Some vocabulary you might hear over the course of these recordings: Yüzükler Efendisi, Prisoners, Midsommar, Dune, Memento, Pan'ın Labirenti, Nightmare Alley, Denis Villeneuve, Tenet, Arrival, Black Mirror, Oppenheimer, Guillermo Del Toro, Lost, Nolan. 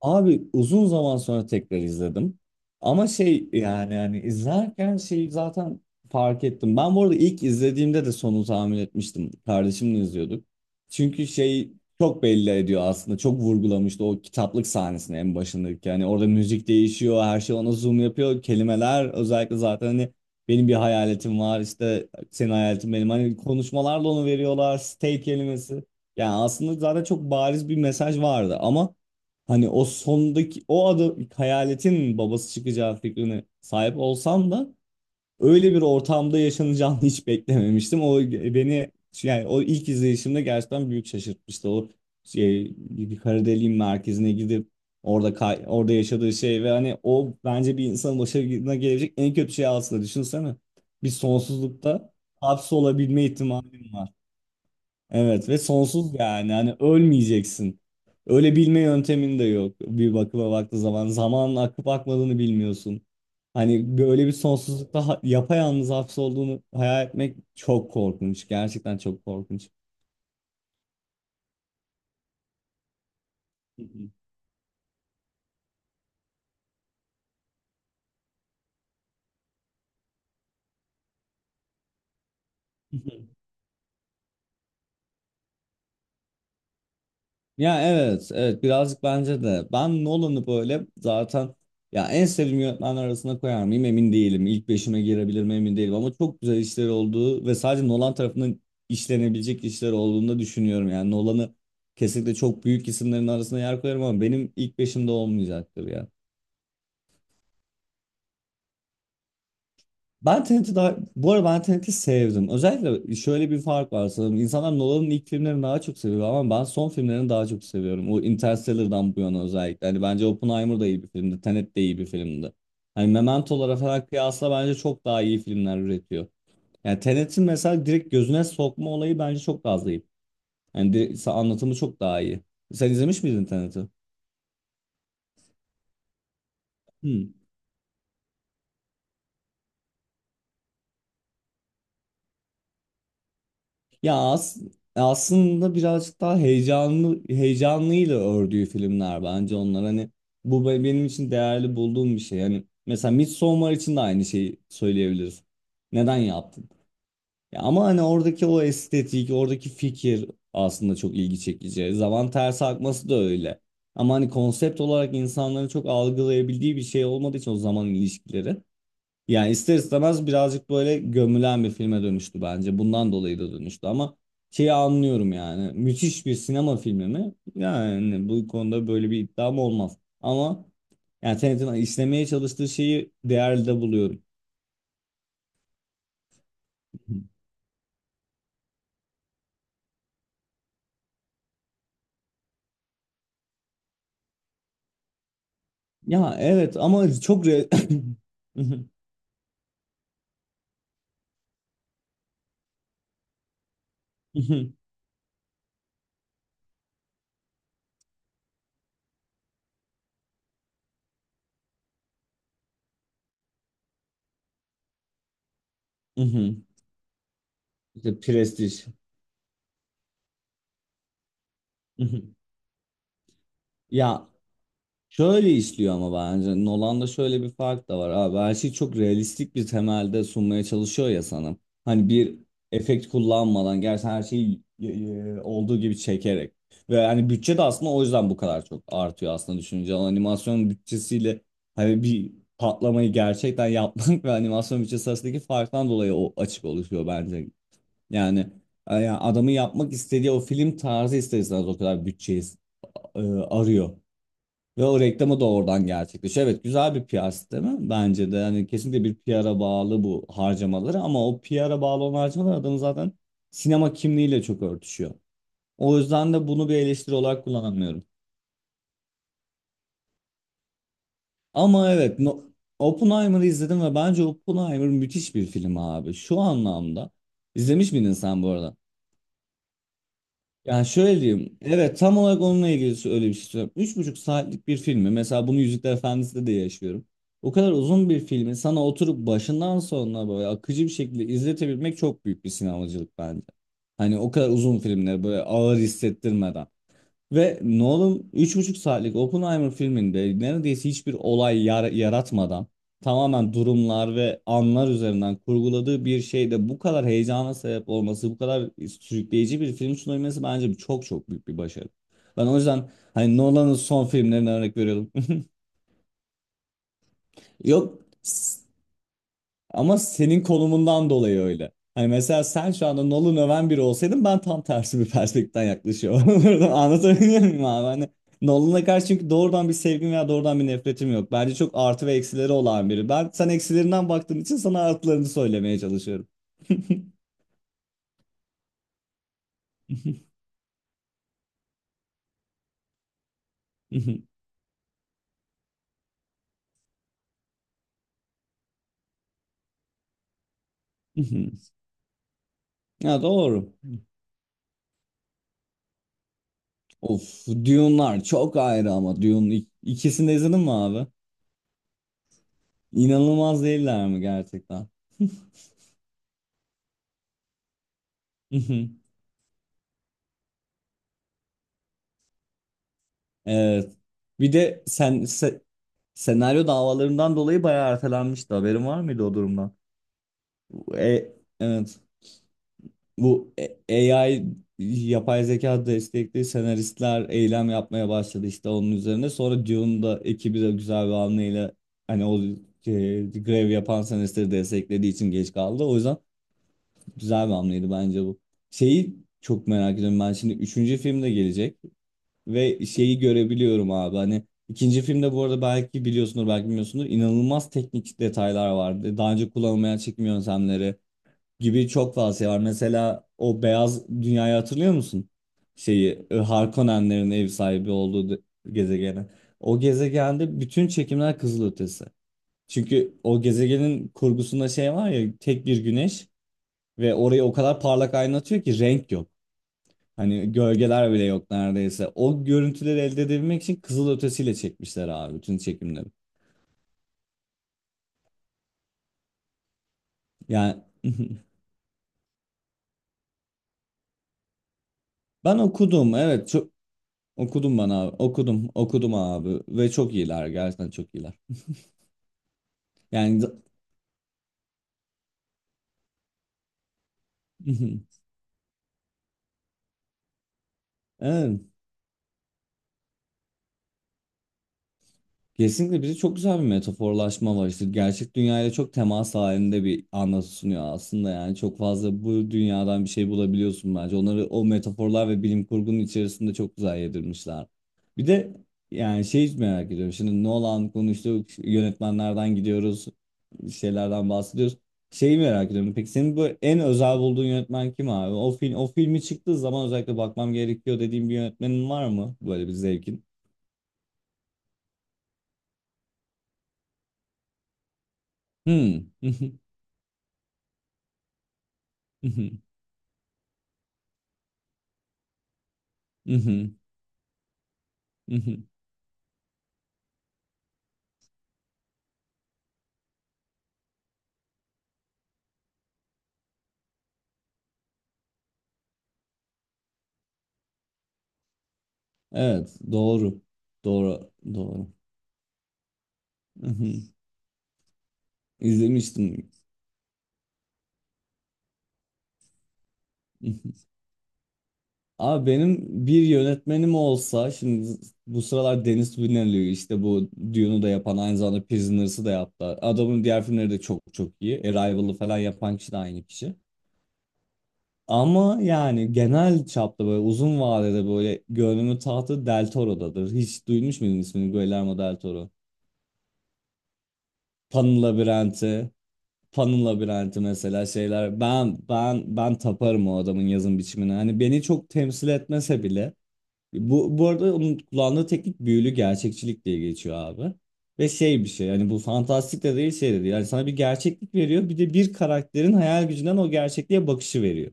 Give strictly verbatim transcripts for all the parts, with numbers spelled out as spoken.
Abi uzun zaman sonra tekrar izledim. Ama şey yani yani izlerken şeyi zaten fark ettim. Ben bu arada ilk izlediğimde de sonu tahmin etmiştim. Kardeşimle izliyorduk. Çünkü şey çok belli ediyor aslında. Çok vurgulamıştı o kitaplık sahnesini en başındaki. Yani orada müzik değişiyor, her şey ona zoom yapıyor. Kelimeler özellikle zaten hani benim bir hayaletim var işte senin hayaletin benim. Hani konuşmalarla onu veriyorlar. Stay kelimesi. Yani aslında zaten çok bariz bir mesaj vardı ama hani o sondaki o adı hayaletin babası çıkacağı fikrine sahip olsam da öyle bir ortamda yaşanacağını hiç beklememiştim. O beni, yani o ilk izleyişimde gerçekten büyük şaşırtmıştı. O şey, bir kara deliğin merkezine gidip orada kay- orada yaşadığı şey ve hani o bence bir insanın başına gelecek en kötü şey aslında, düşünsene. Bir sonsuzlukta hapsolabilme ihtimalin var. Evet ve sonsuz, yani hani ölmeyeceksin. Öyle bilme yöntemin de yok bir bakıma baktığı zaman. Zamanın akıp akmadığını bilmiyorsun. Hani böyle bir sonsuzlukta ha- yapayalnız hapsolduğunu hayal etmek çok korkunç. Gerçekten çok korkunç. Hı hı. Ya evet, evet birazcık bence de. Ben Nolan'ı böyle zaten, ya, en sevdiğim yönetmenler arasına koyar mıyım emin değilim. İlk beşime girebilir mi emin değilim ama çok güzel işleri olduğu ve sadece Nolan tarafından işlenebilecek işler olduğunu da düşünüyorum. Yani Nolan'ı kesinlikle çok büyük isimlerin arasına yer koyarım ama benim ilk beşimde olmayacaktır ya. Ben Tenet'i daha, bu arada ben Tenet'i sevdim. Özellikle şöyle bir fark var sanırım. İnsanlar Nolan'ın ilk filmlerini daha çok seviyor ama ben son filmlerini daha çok seviyorum. O Interstellar'dan bu yana özellikle. Hani bence Oppenheimer da iyi bir filmdi. Tenet de iyi bir filmdi. Hani Memento'lara falan kıyasla bence çok daha iyi filmler üretiyor. Yani Tenet'in mesela direkt gözüne sokma olayı bence çok daha zayıf. Yani direkt, anlatımı çok daha iyi. Sen izlemiş miydin Tenet'i? Ya as Aslında birazcık daha heyecanlı, heyecanlıyla ördüğü filmler bence onlar, hani bu be- benim için değerli bulduğum bir şey. Hani mesela Midsommar için de aynı şeyi söyleyebiliriz. Neden yaptın? Ya ama hani oradaki o estetik, oradaki fikir aslında çok ilgi çekici. Zaman ters akması da öyle. Ama hani konsept olarak insanların çok algılayabildiği bir şey olmadığı için o zaman ilişkileri. Yani ister istemez birazcık böyle gömülen bir filme dönüştü bence. Bundan dolayı da dönüştü ama şeyi anlıyorum yani. Müthiş bir sinema filmi mi? Yani bu konuda böyle bir iddiam olmaz. Ama yani Tenet'in işlemeye çalıştığı şeyi değerli de buluyorum. Ya evet ama çok re... İşte prestij. Ya, şöyle işliyor ama bence Nolan'da şöyle bir fark da var abi, her şeyi çok realistik bir temelde sunmaya çalışıyor ya sana. Hani bir efekt kullanmadan gerçekten her şeyi e, e, olduğu gibi çekerek. Ve hani bütçe de aslında o yüzden bu kadar çok artıyor aslında düşününce. Animasyon bütçesiyle hani bir patlamayı gerçekten yapmak ve animasyon bütçesi arasındaki farktan dolayı o açık oluşuyor bence. Yani, yani adamın yapmak istediği o film tarzı ister istemez o kadar bütçeyi e, arıyor. Ve o reklamı da oradan gerçekleşiyor. Evet güzel bir P R değil mi? Bence de. Yani kesinlikle bir P R'a bağlı bu harcamaları ama o P R'a bağlı olan harcamalar adamın zaten sinema kimliğiyle çok örtüşüyor. O yüzden de bunu bir eleştiri olarak kullanamıyorum. Ama evet no, Oppenheimer'ı izledim ve bence Oppenheimer müthiş bir film abi. Şu anlamda, izlemiş miydin sen bu arada? Yani şöyle diyeyim. Evet tam olarak onunla ilgili öyle bir şey söylüyorum. Üç buçuk saatlik bir filmi. Mesela bunu Yüzükler Efendisi'de de yaşıyorum. O kadar uzun bir filmi sana oturup başından sonuna böyle akıcı bir şekilde izletebilmek çok büyük bir sinemacılık bence. Hani o kadar uzun filmleri böyle ağır hissettirmeden. Ve Nolan üç buçuk saatlik Oppenheimer filminde neredeyse hiçbir olay yar- yaratmadan tamamen durumlar ve anlar üzerinden kurguladığı bir şeyde bu kadar heyecana sebep olması, bu kadar sürükleyici bir film sunabilmesi bence çok çok büyük bir başarı. Ben o yüzden hani Nolan'ın son filmlerine örnek veriyorum. Yok. Ama senin konumundan dolayı öyle. Hani mesela sen şu anda Nolan öven biri olsaydın ben tam tersi bir perspektiften yaklaşıyor olurdum. Anlatabiliyor muyum abi? Hani Nolan'a karşı çünkü doğrudan bir sevgim veya doğrudan bir nefretim yok. Bence çok artı ve eksileri olan biri. Ben, sen eksilerinden baktığın için sana artılarını söylemeye çalışıyorum. Ya doğru. Of, Dune'lar çok ayrı ama Dune ik- ikisini de izledin mi abi? İnanılmaz değiller mi gerçekten? Evet. Bir de sen, se- senaryo davalarından dolayı bayağı ertelenmişti. Haberin var mıydı o durumdan? Bu E, evet. Bu e- A I yapay zeka destekli senaristler eylem yapmaya başladı işte onun üzerine. Sonra Dune'un da ekibi de güzel bir hamleyle hani o e, grev yapan senaristleri desteklediği için geç kaldı. O yüzden güzel bir hamleydi bence bu. Şeyi çok merak ediyorum ben şimdi üçüncü filmde gelecek. Ve şeyi görebiliyorum abi, hani ikinci filmde, bu arada belki biliyorsundur belki bilmiyorsundur, inanılmaz teknik detaylar vardı. Daha önce kullanılmayan çekim yöntemleri gibi çok fazla şey var. Mesela o beyaz dünyayı hatırlıyor musun? Şeyi, e, Harkonnenlerin ev sahibi olduğu de- gezegeni. O gezegende bütün çekimler kızılötesi. Çünkü o gezegenin kurgusunda şey var ya, tek bir güneş ve orayı o kadar parlak aydınlatıyor ki renk yok. Hani gölgeler bile yok neredeyse. O görüntüleri elde edebilmek için kızılötesiyle çekmişler abi bütün çekimleri. Yani ben okudum, evet çok okudum bana abi. Okudum okudum abi ve çok iyiler, gerçekten çok iyiler. Yani evet, kesinlikle bize çok güzel bir metaforlaşma var işte, gerçek dünyayla çok temas halinde bir anlatı sunuyor aslında. Yani çok fazla bu dünyadan bir şey bulabiliyorsun bence, onları o metaforlar ve bilim kurgunun içerisinde çok güzel yedirmişler. Bir de yani şey merak ediyorum şimdi, Nolan konuştuk, yönetmenlerden gidiyoruz, şeylerden bahsediyoruz, şeyi merak ediyorum: peki senin bu en özel bulduğun yönetmen kim abi, o film, o filmi çıktığı zaman özellikle bakmam gerekiyor dediğin bir yönetmenin var mı, böyle bir zevkin? Hmm. Hı hı. Evet, doğru. Doğru, doğru. Hı hı. İzlemiştim. Hı hı. Abi benim bir yönetmenim olsa, şimdi bu sıralar Denis Villeneuve, işte bu Dune'u da yapan, aynı zamanda Prisoners'ı da yaptı. Adamın diğer filmleri de çok çok iyi. Arrival'ı falan yapan kişi de aynı kişi. Ama yani genel çapta böyle uzun vadede böyle gönlümün tahtı Del Toro'dadır. Hiç duymuş muydun ismini, Guillermo Del Toro? Pan'ın Labirenti. Pan'ın labirenti mesela, şeyler. Ben ben ben taparım o adamın yazım biçimine. Hani beni çok temsil etmese bile. Bu bu arada onun kullandığı teknik büyülü gerçekçilik diye geçiyor abi. Ve şey bir şey, yani bu fantastik de değil, şey de değil. Yani sana bir gerçeklik veriyor, bir de bir karakterin hayal gücünden o gerçekliğe bakışı veriyor.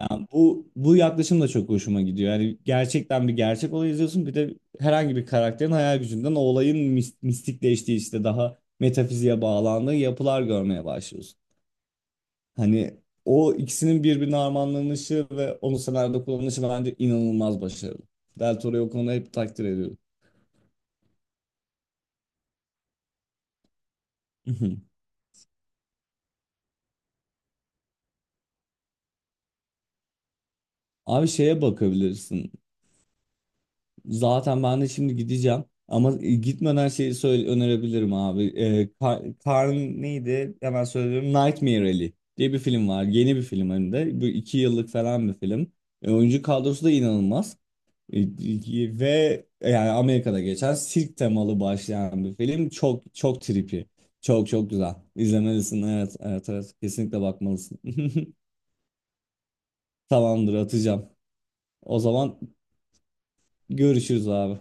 Yani bu bu yaklaşım da çok hoşuma gidiyor. Yani gerçekten bir gerçek olay izliyorsun, bir de herhangi bir karakterin hayal gücünden o olayın mis- mistikleştiği, işte daha metafiziğe bağlandığı yapılar görmeye başlıyorsun. Hani o ikisinin birbirine armağanlanışı ve onu senaryoda kullanışı bence inanılmaz başarılı. Del Toro'yu o konuda hep takdir ediyorum. Mhm. Abi şeye bakabilirsin. Zaten ben de şimdi gideceğim. Ama gitmeden şeyi söyle önerebilirim abi. Ee, Kar- Karn neydi? Hemen söylüyorum. Nightmare Alley diye bir film var. Yeni bir film hem de. Bu iki yıllık falan bir film. E, oyuncu kadrosu da inanılmaz. Ve yani Amerika'da geçen sirk temalı başlayan bir film. Çok çok trippy. Çok çok güzel. İzlemelisin. Evet, evet, evet. Kesinlikle bakmalısın. Tamamdır, atacağım. O zaman görüşürüz abi.